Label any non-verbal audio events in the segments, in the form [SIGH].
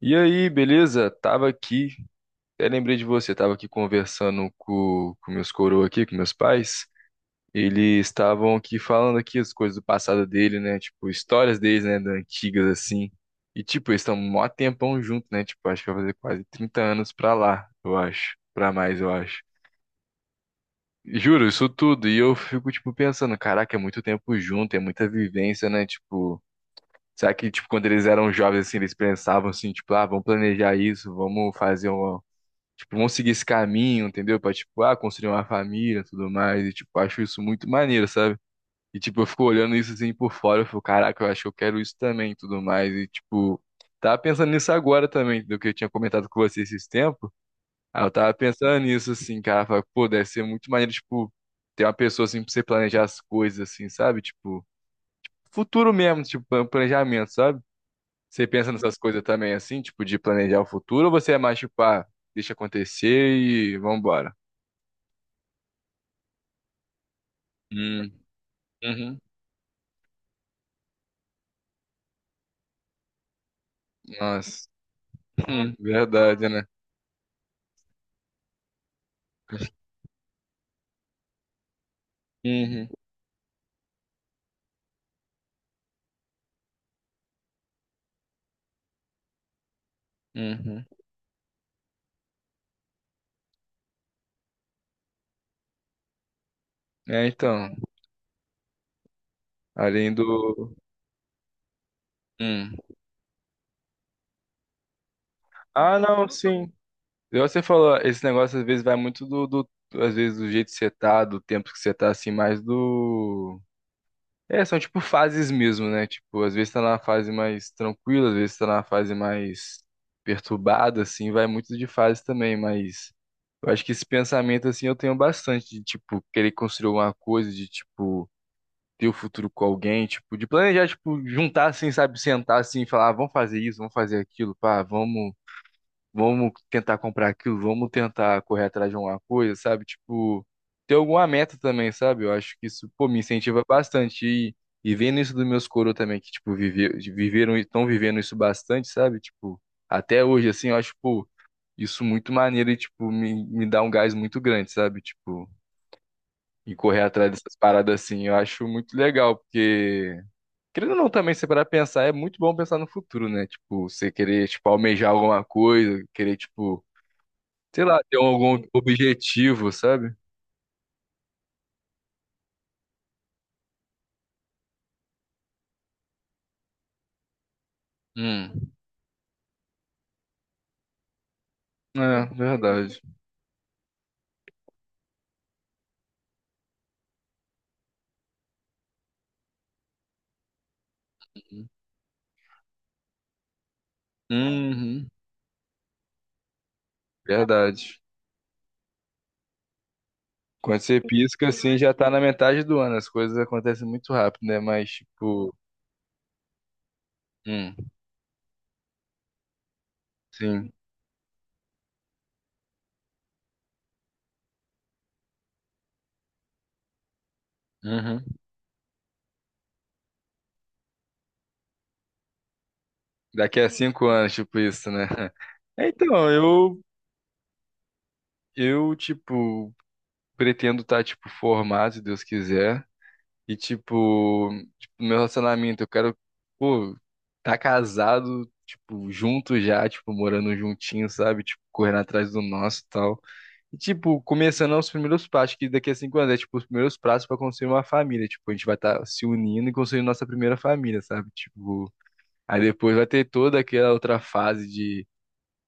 E aí, beleza? Tava aqui, até lembrei de você, tava aqui conversando com meus coroa aqui, com meus pais. Eles estavam aqui falando aqui as coisas do passado dele, né? Tipo, histórias deles, né? Da antigas, assim. E, tipo, eles estão mó tempão junto, né? Tipo, acho que vai fazer quase 30 anos pra lá, eu acho. Pra mais, eu acho. Juro, isso tudo. E eu fico, tipo, pensando, caraca, é muito tempo junto, é muita vivência, né? Tipo, será que, tipo, quando eles eram jovens, assim, eles pensavam assim, tipo, ah, vamos planejar isso, vamos fazer um. Tipo, vão seguir esse caminho, entendeu? Pra, tipo, construir uma família e tudo mais. E, tipo, acho isso muito maneiro, sabe? E, tipo, eu fico olhando isso assim por fora. Eu fico, caraca, eu acho que eu quero isso também e tudo mais. E, tipo, tava pensando nisso agora também, do que eu tinha comentado com você esses tempos. Aí eu tava pensando nisso, assim, cara. Falei, pô, deve ser muito maneiro, tipo, ter uma pessoa assim pra você planejar as coisas, assim, sabe? Tipo, futuro mesmo, tipo, planejamento, sabe? Você pensa nessas coisas também, assim, tipo, de planejar o futuro, ou você é mais, tipo, deixa acontecer e vambora? Hum. Uhum. Nossa. Hum, verdade, né? Uhum, uhum. É, então, além do. Hum. Ah, não, sim. Igual você falou, esse negócio às vezes vai muito às vezes do jeito que você tá, do tempo que você tá, assim, mais do. É, são tipo fases mesmo, né? Tipo, às vezes tá na fase mais tranquila, às vezes tá na fase mais perturbada, assim, vai muito de fase também, mas. Eu acho que esse pensamento, assim, eu tenho bastante de, tipo, querer construir alguma coisa, de, tipo ter o futuro com alguém, tipo, de planejar, tipo, juntar assim, sabe, sentar assim e falar, ah, vamos fazer isso, vamos fazer aquilo, pá, vamos tentar comprar aquilo, vamos tentar correr atrás de alguma coisa, sabe? Tipo, ter alguma meta também, sabe? Eu acho que isso, pô, me incentiva bastante e vendo isso dos meus coro também, que, tipo, vive, viveram, estão vivendo isso bastante, sabe? Tipo, até hoje, assim, eu acho, pô, isso muito maneiro e, tipo, me dá um gás muito grande, sabe? Tipo, e correr atrás dessas paradas assim, eu acho muito legal, porque querendo ou não também, se parar pra pensar, é muito bom pensar no futuro, né? Tipo, você querer, tipo, almejar alguma coisa, querer, tipo, sei lá, ter algum objetivo, sabe? Hum. É, verdade. Uhum, verdade. Quando você pisca, assim, já tá na metade do ano. As coisas acontecem muito rápido, né? Mas, tipo, hum, sim, uhum, daqui a 5 anos, tipo, isso, né? [LAUGHS] Então, eu, tipo, pretendo estar, tipo, formado, se Deus quiser. E, tipo, meu relacionamento, eu quero, pô, tá casado, tipo, junto já, tipo, morando juntinho, sabe? Tipo, correndo atrás do nosso e tal. E, tipo, começando aos primeiros passos, que daqui a 5 anos é, tipo, os primeiros passos pra construir uma família. Tipo, a gente vai estar se unindo e construindo nossa primeira família, sabe? Tipo, aí depois vai ter toda aquela outra fase de.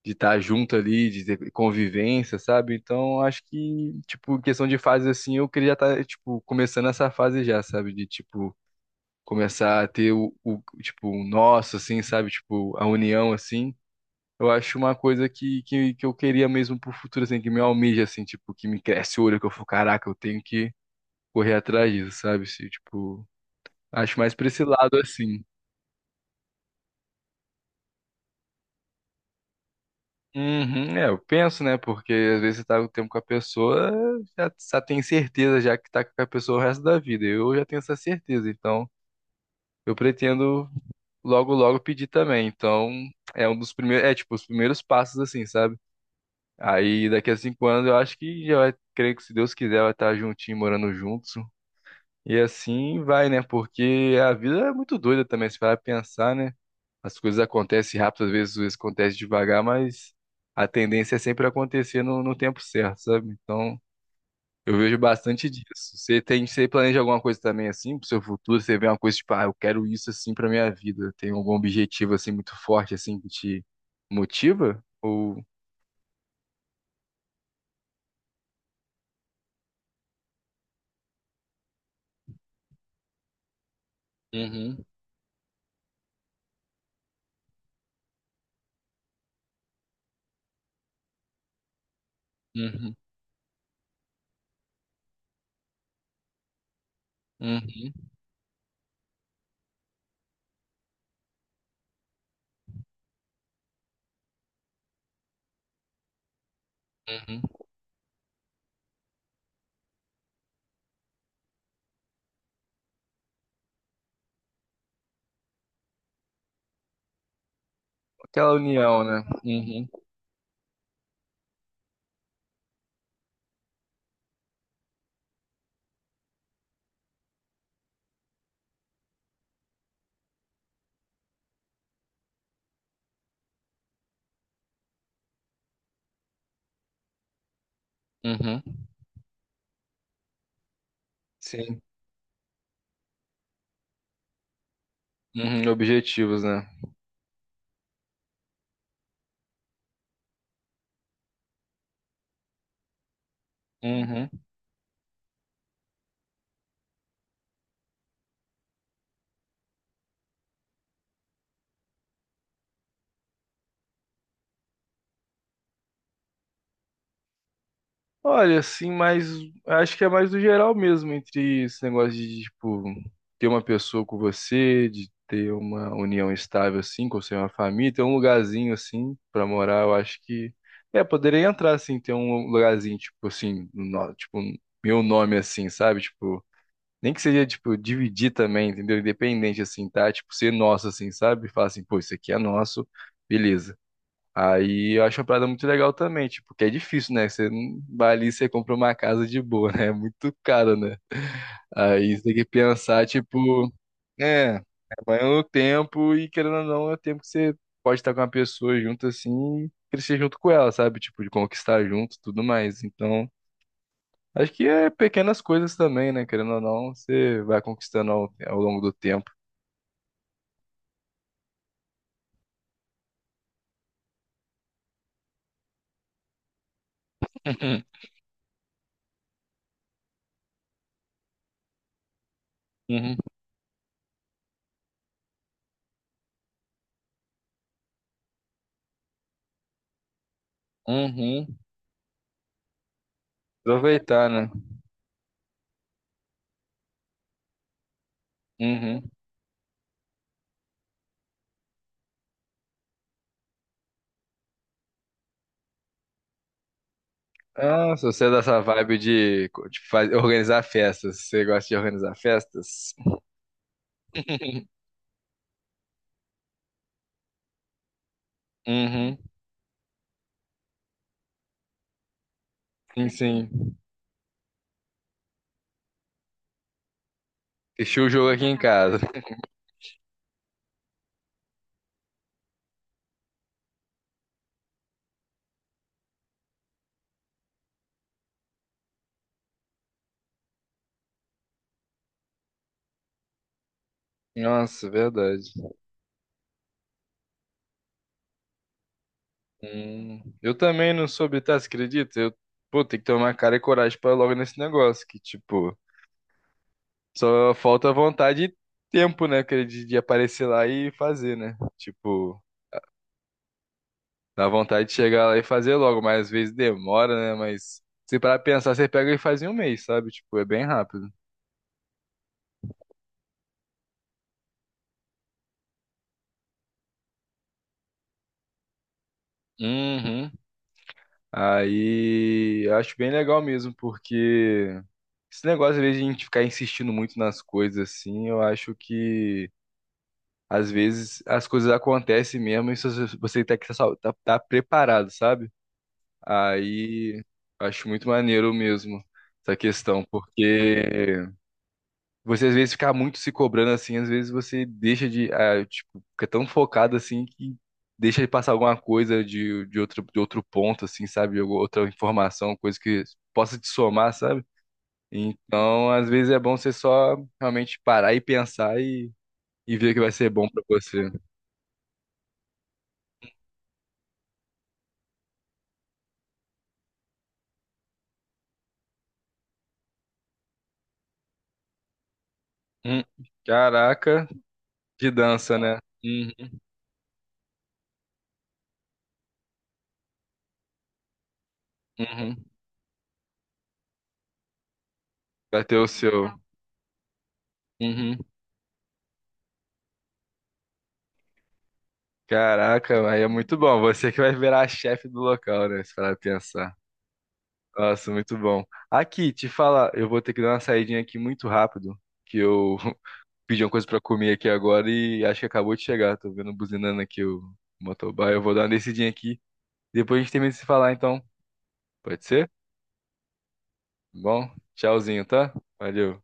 De estar junto ali, de ter convivência, sabe? Então, acho que, tipo, em questão de fase assim, eu queria já estar, tipo, começando essa fase já, sabe? De, tipo, começar a ter tipo, o nosso, assim, sabe? Tipo, a união, assim. Eu acho uma coisa que eu queria mesmo pro futuro, assim, que me almeja, assim, tipo, que me cresce o olho, que eu falo, caraca, eu tenho que correr atrás disso, sabe? Se, tipo, acho mais pra esse lado, assim. Uhum, é, eu penso, né? Porque às vezes você tá o tempo com a pessoa, já tem certeza já que tá com a pessoa o resto da vida. Eu já tenho essa certeza, então eu pretendo logo, logo pedir também. Então, é um dos primeiros, é tipo, os primeiros passos, assim, sabe? Aí daqui a 5 anos eu acho que já vai, creio que se Deus quiser, vai estar juntinho, morando juntos. E assim vai, né? Porque a vida é muito doida também, se parar pra pensar, né? As coisas acontecem rápido, às vezes acontece devagar, mas a tendência é sempre acontecer no tempo certo, sabe? Então, eu vejo bastante disso. Você planeja alguma coisa também assim pro seu futuro? Você vê uma coisa tipo, ah, eu quero isso assim pra minha vida. Tem algum objetivo assim muito forte assim que te motiva? Ou. Uhum, uhum, uhum. Uhum. Aquela união, né? Uhum. Uhum. Sim. Uhum. Objetivos, né? Uhum. Olha, assim, mas acho que é mais do geral mesmo, entre esse negócio de, tipo, ter uma pessoa com você, de ter uma união estável, assim, com você, uma família, ter um lugarzinho, assim, pra morar, eu acho que. É, poderia entrar, assim, ter um lugarzinho, tipo, assim, tipo, meu nome, assim, sabe? Tipo. Nem que seja, tipo, dividir também, entendeu? Independente, assim, tá? Tipo, ser nosso, assim, sabe? Falar assim, pô, isso aqui é nosso, beleza. Aí eu acho uma parada muito legal também, tipo, porque é difícil, né? Você não vai ali e você compra uma casa de boa, [LAUGHS] né? É muito caro, né? Aí você tem que pensar, tipo, é, vai o tempo e querendo ou não, é o tempo que você pode estar com uma pessoa junto, assim, e crescer junto com ela, sabe? Tipo, de conquistar junto, tudo mais. Então. Acho que é pequenas coisas também, né? Querendo ou não, você vai conquistando ao longo do tempo. [LAUGHS] Uhum. Uhum. Uhum. Aproveitar, né? Uhum. Ah, se você é dessa vibe de organizar festas, você gosta de organizar festas? [LAUGHS] Uhum. Sim, sim. Deixei o jogo aqui em casa. Nossa, verdade. Hum. Eu também não soube, tá? Você acredita? Eu, pô, tem que tomar cara e coragem pra ir logo nesse negócio. Que, tipo, só falta vontade e tempo, né, cara, de aparecer lá e fazer, né? Tipo, dá vontade de chegar lá e fazer logo, mas às vezes demora, né? Mas se parar pra pensar, você pega e faz em um mês, sabe? Tipo, é bem rápido. Uhum. Aí, eu acho bem legal mesmo, porque esse negócio, às vezes, de a gente ficar insistindo muito nas coisas, assim, eu acho que, às vezes, as coisas acontecem mesmo e se você tem que estar tá preparado, sabe? Aí acho muito maneiro mesmo essa questão, porque você às vezes fica muito se cobrando assim, às vezes você deixa de, ah, tipo, fica tão focado assim que deixa de passar alguma coisa de outro ponto, assim, sabe? Ou outra informação, coisa que possa te somar, sabe? Então, às vezes é bom você só realmente parar e pensar e ver o que vai ser bom pra você. Hum, caraca, de dança, né? Uhum, uhum. Vai ter o seu. Uhum. Caraca, aí é muito bom. Você que vai virar a chefe do local, né? Se parar pra pensar. Nossa, muito bom. Aqui, te falar, eu vou ter que dar uma saidinha aqui muito rápido, que eu [LAUGHS] pedi uma coisa pra comer aqui agora e acho que acabou de chegar. Tô vendo buzinando aqui o motoboy. Eu vou dar uma descidinha aqui. Depois a gente termina de se falar, então. Pode ser? Tá bom, tchauzinho, tá? Valeu.